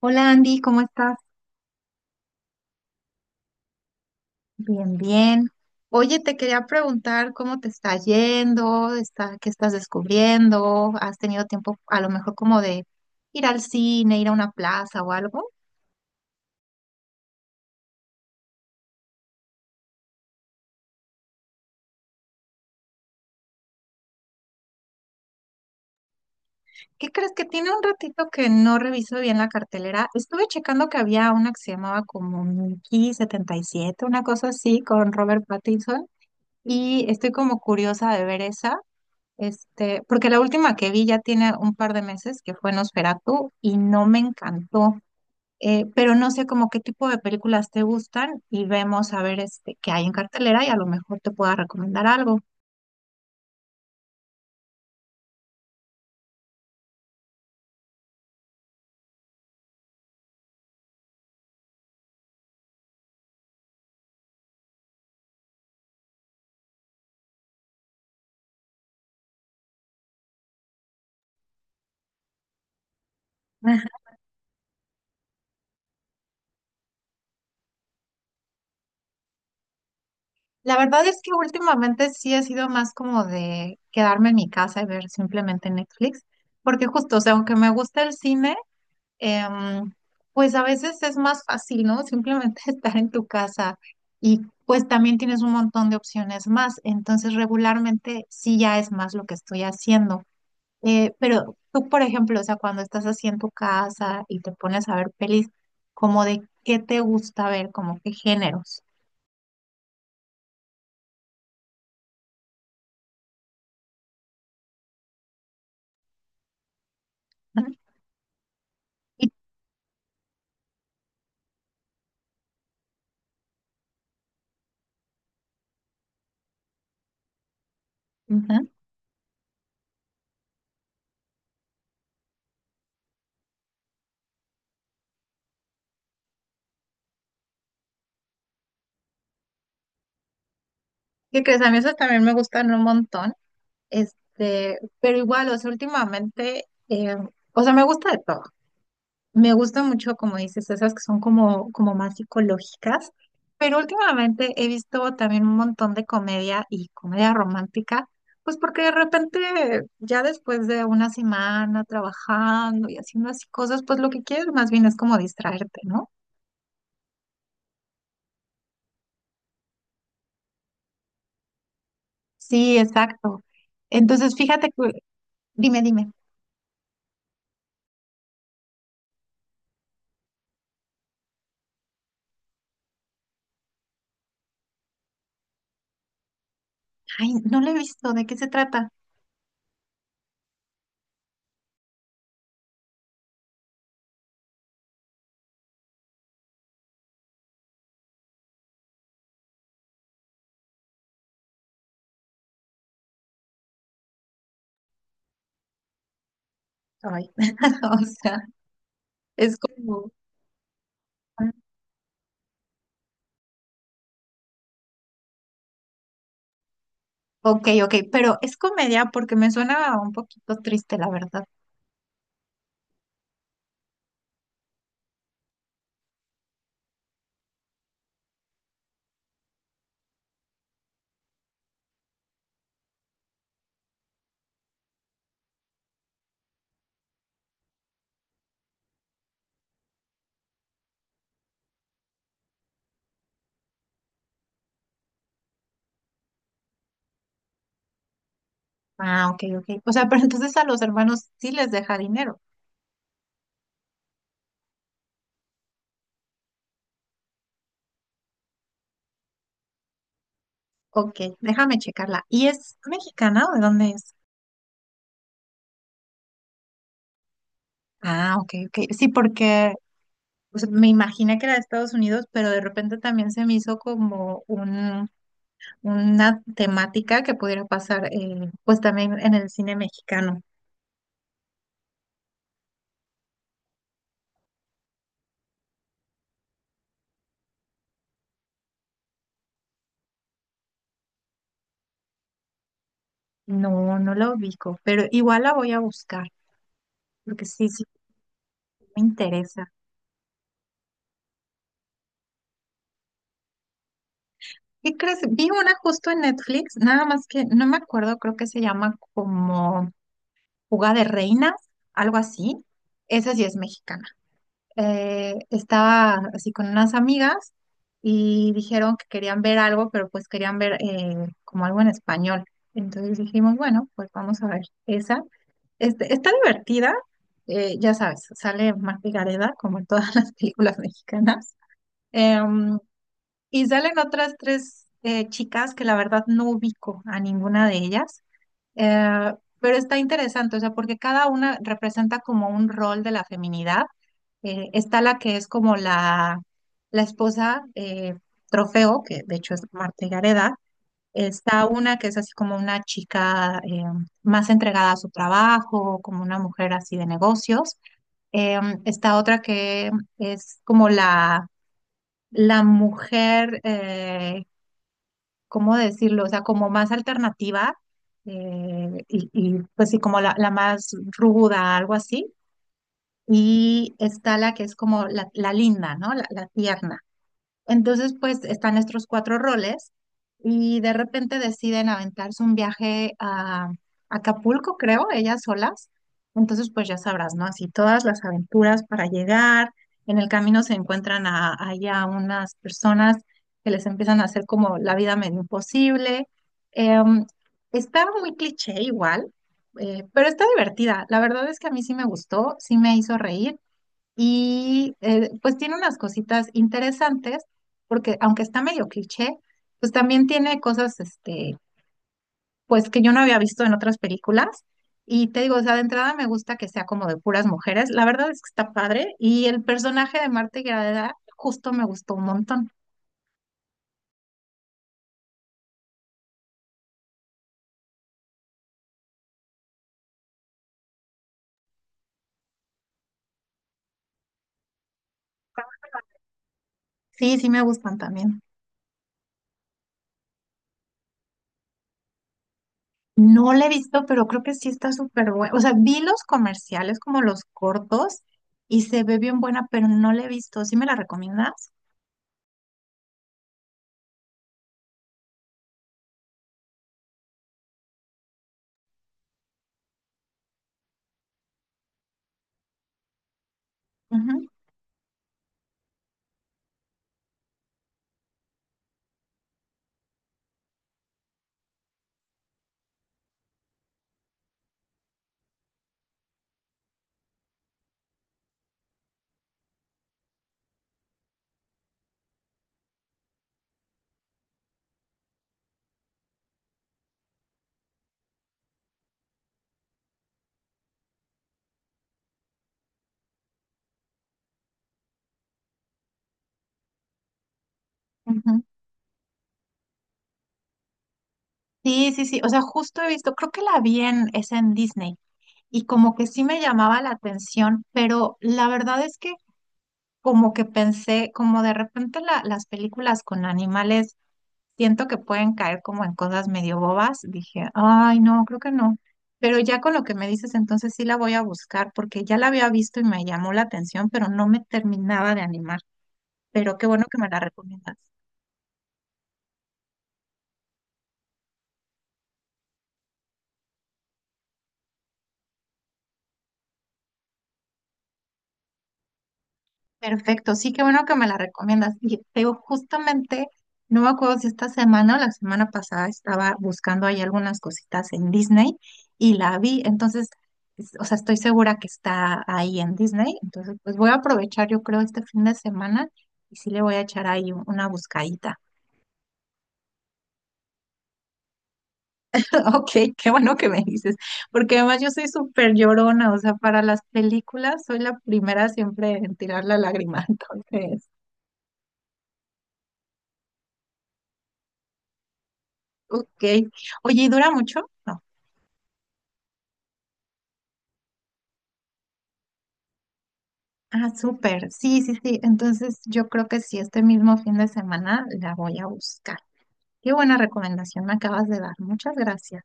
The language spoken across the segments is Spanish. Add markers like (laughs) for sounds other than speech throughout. Hola Andy, ¿cómo estás? Bien, bien. Oye, te quería preguntar cómo te está yendo, qué estás descubriendo, has tenido tiempo a lo mejor como de ir al cine, ir a una plaza o algo. ¿Qué crees? Que tiene un ratito que no reviso bien la cartelera. Estuve checando que había una que se llamaba como Mickey 77, una cosa así, con Robert Pattinson, y estoy como curiosa de ver esa. Este, porque la última que vi ya tiene un par de meses, que fue Nosferatu, y no me encantó. Pero no sé como qué tipo de películas te gustan y vemos a ver este, qué hay en cartelera y a lo mejor te pueda recomendar algo. (laughs) La verdad es que últimamente sí he sido más como de quedarme en mi casa y ver simplemente Netflix, porque justo, o sea, aunque me gusta el cine, em, pues a veces es más fácil, ¿no? Simplemente (laughs) estar en tu casa y pues también tienes un montón de opciones más. Entonces, regularmente sí ya es más lo que estoy haciendo. Pero tú, por ejemplo, o sea, cuando estás así en tu casa y te pones a ver pelis, como de qué te gusta ver, como qué géneros. Ujú. Y- ujú. ¿Qué crees? A mí esos también me gustan un montón. Este, pero igual, o sea, últimamente, o sea, me gusta de todo. Me gusta mucho, como dices, esas que son como, como más psicológicas, pero últimamente he visto también un montón de comedia y comedia romántica, pues porque de repente ya después de una semana trabajando y haciendo así cosas, pues lo que quieres más bien es como distraerte, ¿no? Sí, exacto. Entonces, fíjate que, dime, dime, ay, no lo he visto, ¿de qué se trata? Ay, (laughs) o sea, es como... Ok, ok, pero es comedia porque me suena un poquito triste, la verdad. Ah, ok, ok. O sea, pero entonces a los hermanos sí les deja dinero. Ok, déjame checarla. ¿Y es mexicana o de dónde es? Ah, ok, ok. Sí, porque o sea, me imaginé que era de Estados Unidos, pero de repente también se me hizo como una temática que pudiera pasar, pues también en el cine mexicano. No, no la ubico, pero igual la voy a buscar, porque sí, sí, me interesa. ¿Qué crees? Vi una justo en Netflix, nada más que no me acuerdo, creo que se llama como... Fuga de Reinas, algo así. Esa sí es mexicana. Estaba así con unas amigas y dijeron que querían ver algo, pero pues querían ver como algo en español. Entonces dijimos, bueno, pues vamos a ver esa. Este, está divertida, ya sabes, sale Marta Gareda, como en todas (laughs) las películas mexicanas. Em, y salen otras tres chicas que la verdad no ubico a ninguna de ellas. Eh, pero está interesante, o sea, porque cada una representa como un rol de la feminidad. Está la esposa trofeo, que de hecho es Marta Gareda. Está una que es así como una chica más entregada a su trabajo, como una mujer así de negocios. Eh, Está otra que es como la mujer ¿cómo decirlo? O sea, como más alternativa pues sí, como la más ruda, algo así. Y está la que es como la linda, ¿no? La tierna. Entonces, pues están estos cuatro roles y de repente deciden aventarse un viaje a Acapulco, creo, ellas solas. Entonces, pues ya sabrás, ¿no? Así todas las aventuras para llegar. En el camino se encuentran a, ahí a unas personas que les empiezan a hacer como la vida medio imposible. Em, Está muy cliché igual, pero está divertida. La verdad es que a mí sí me gustó, sí me hizo reír. Y pues tiene unas cositas interesantes, porque aunque está medio cliché, pues también tiene cosas, este, pues que yo no había visto en otras películas. Y te digo, o sea, de entrada me gusta que sea como de puras mujeres. La verdad es que está padre. Y el personaje de Marta Higareda justo me gustó un montón. Sí, sí me gustan también. No la he visto, pero creo que sí está súper buena. O sea, vi los comerciales como los cortos y se ve bien buena, pero no la he visto. ¿Sí me la recomiendas? Ujú, ujú. Sí, sí, sí. O sea, justo he visto, creo que la vi en, es en Disney y como que sí me llamaba la atención, pero la verdad es que como que pensé, como de repente las películas con animales, siento que pueden caer como en cosas medio bobas. Dije, ay, no, creo que no. Pero ya con lo que me dices, entonces sí la voy a buscar porque ya la había visto y me llamó la atención, pero no me terminaba de animar. Pero qué bueno que me la recomiendas. Perfecto, sí, qué bueno que me la recomiendas. Y te digo, justamente, no me acuerdo si esta semana o la semana pasada estaba buscando ahí algunas cositas en Disney y la vi, entonces, o sea, estoy segura que está ahí en Disney, entonces, pues voy a aprovechar, yo creo, este fin de semana y sí le voy a echar ahí una buscadita. (laughs) Ok, qué bueno que me dices, porque además yo soy súper llorona, o sea, para las películas soy la primera siempre en tirar la lágrima, (laughs) entonces, ok. Oye, ¿y dura mucho? No. Ah, súper. Sí, sí, sí. Entonces yo creo que sí, este mismo fin de semana la voy a buscar. Qué buena recomendación me acabas de dar. Muchas gracias.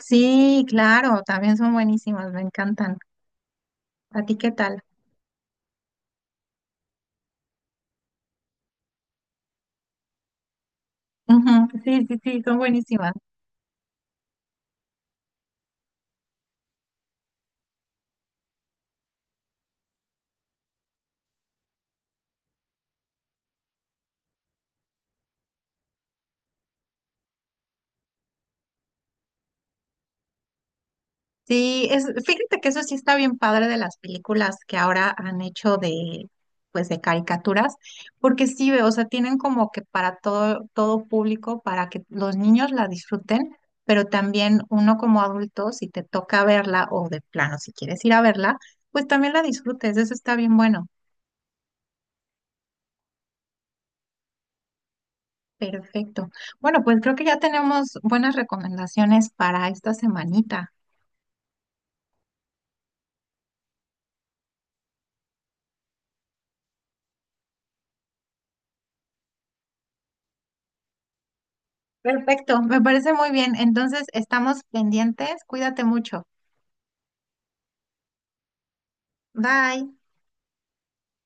Sí, claro, también son buenísimas, me encantan. ¿A ti qué tal? Ujú, sí, sí, sí, son buenísimas. Sí, es, fíjate que eso sí está bien padre de las películas que ahora han hecho de, pues de caricaturas, porque sí, o sea, tienen como que para todo, todo público, para que los niños la disfruten, pero también uno como adulto, si te toca verla o de plano, si quieres ir a verla, pues también la disfrutes, eso está bien bueno. Perfecto. Bueno, pues creo que ya tenemos buenas recomendaciones para esta semanita. Perfecto, me parece muy bien. Entonces, estamos pendientes, cuídate mucho. Bye.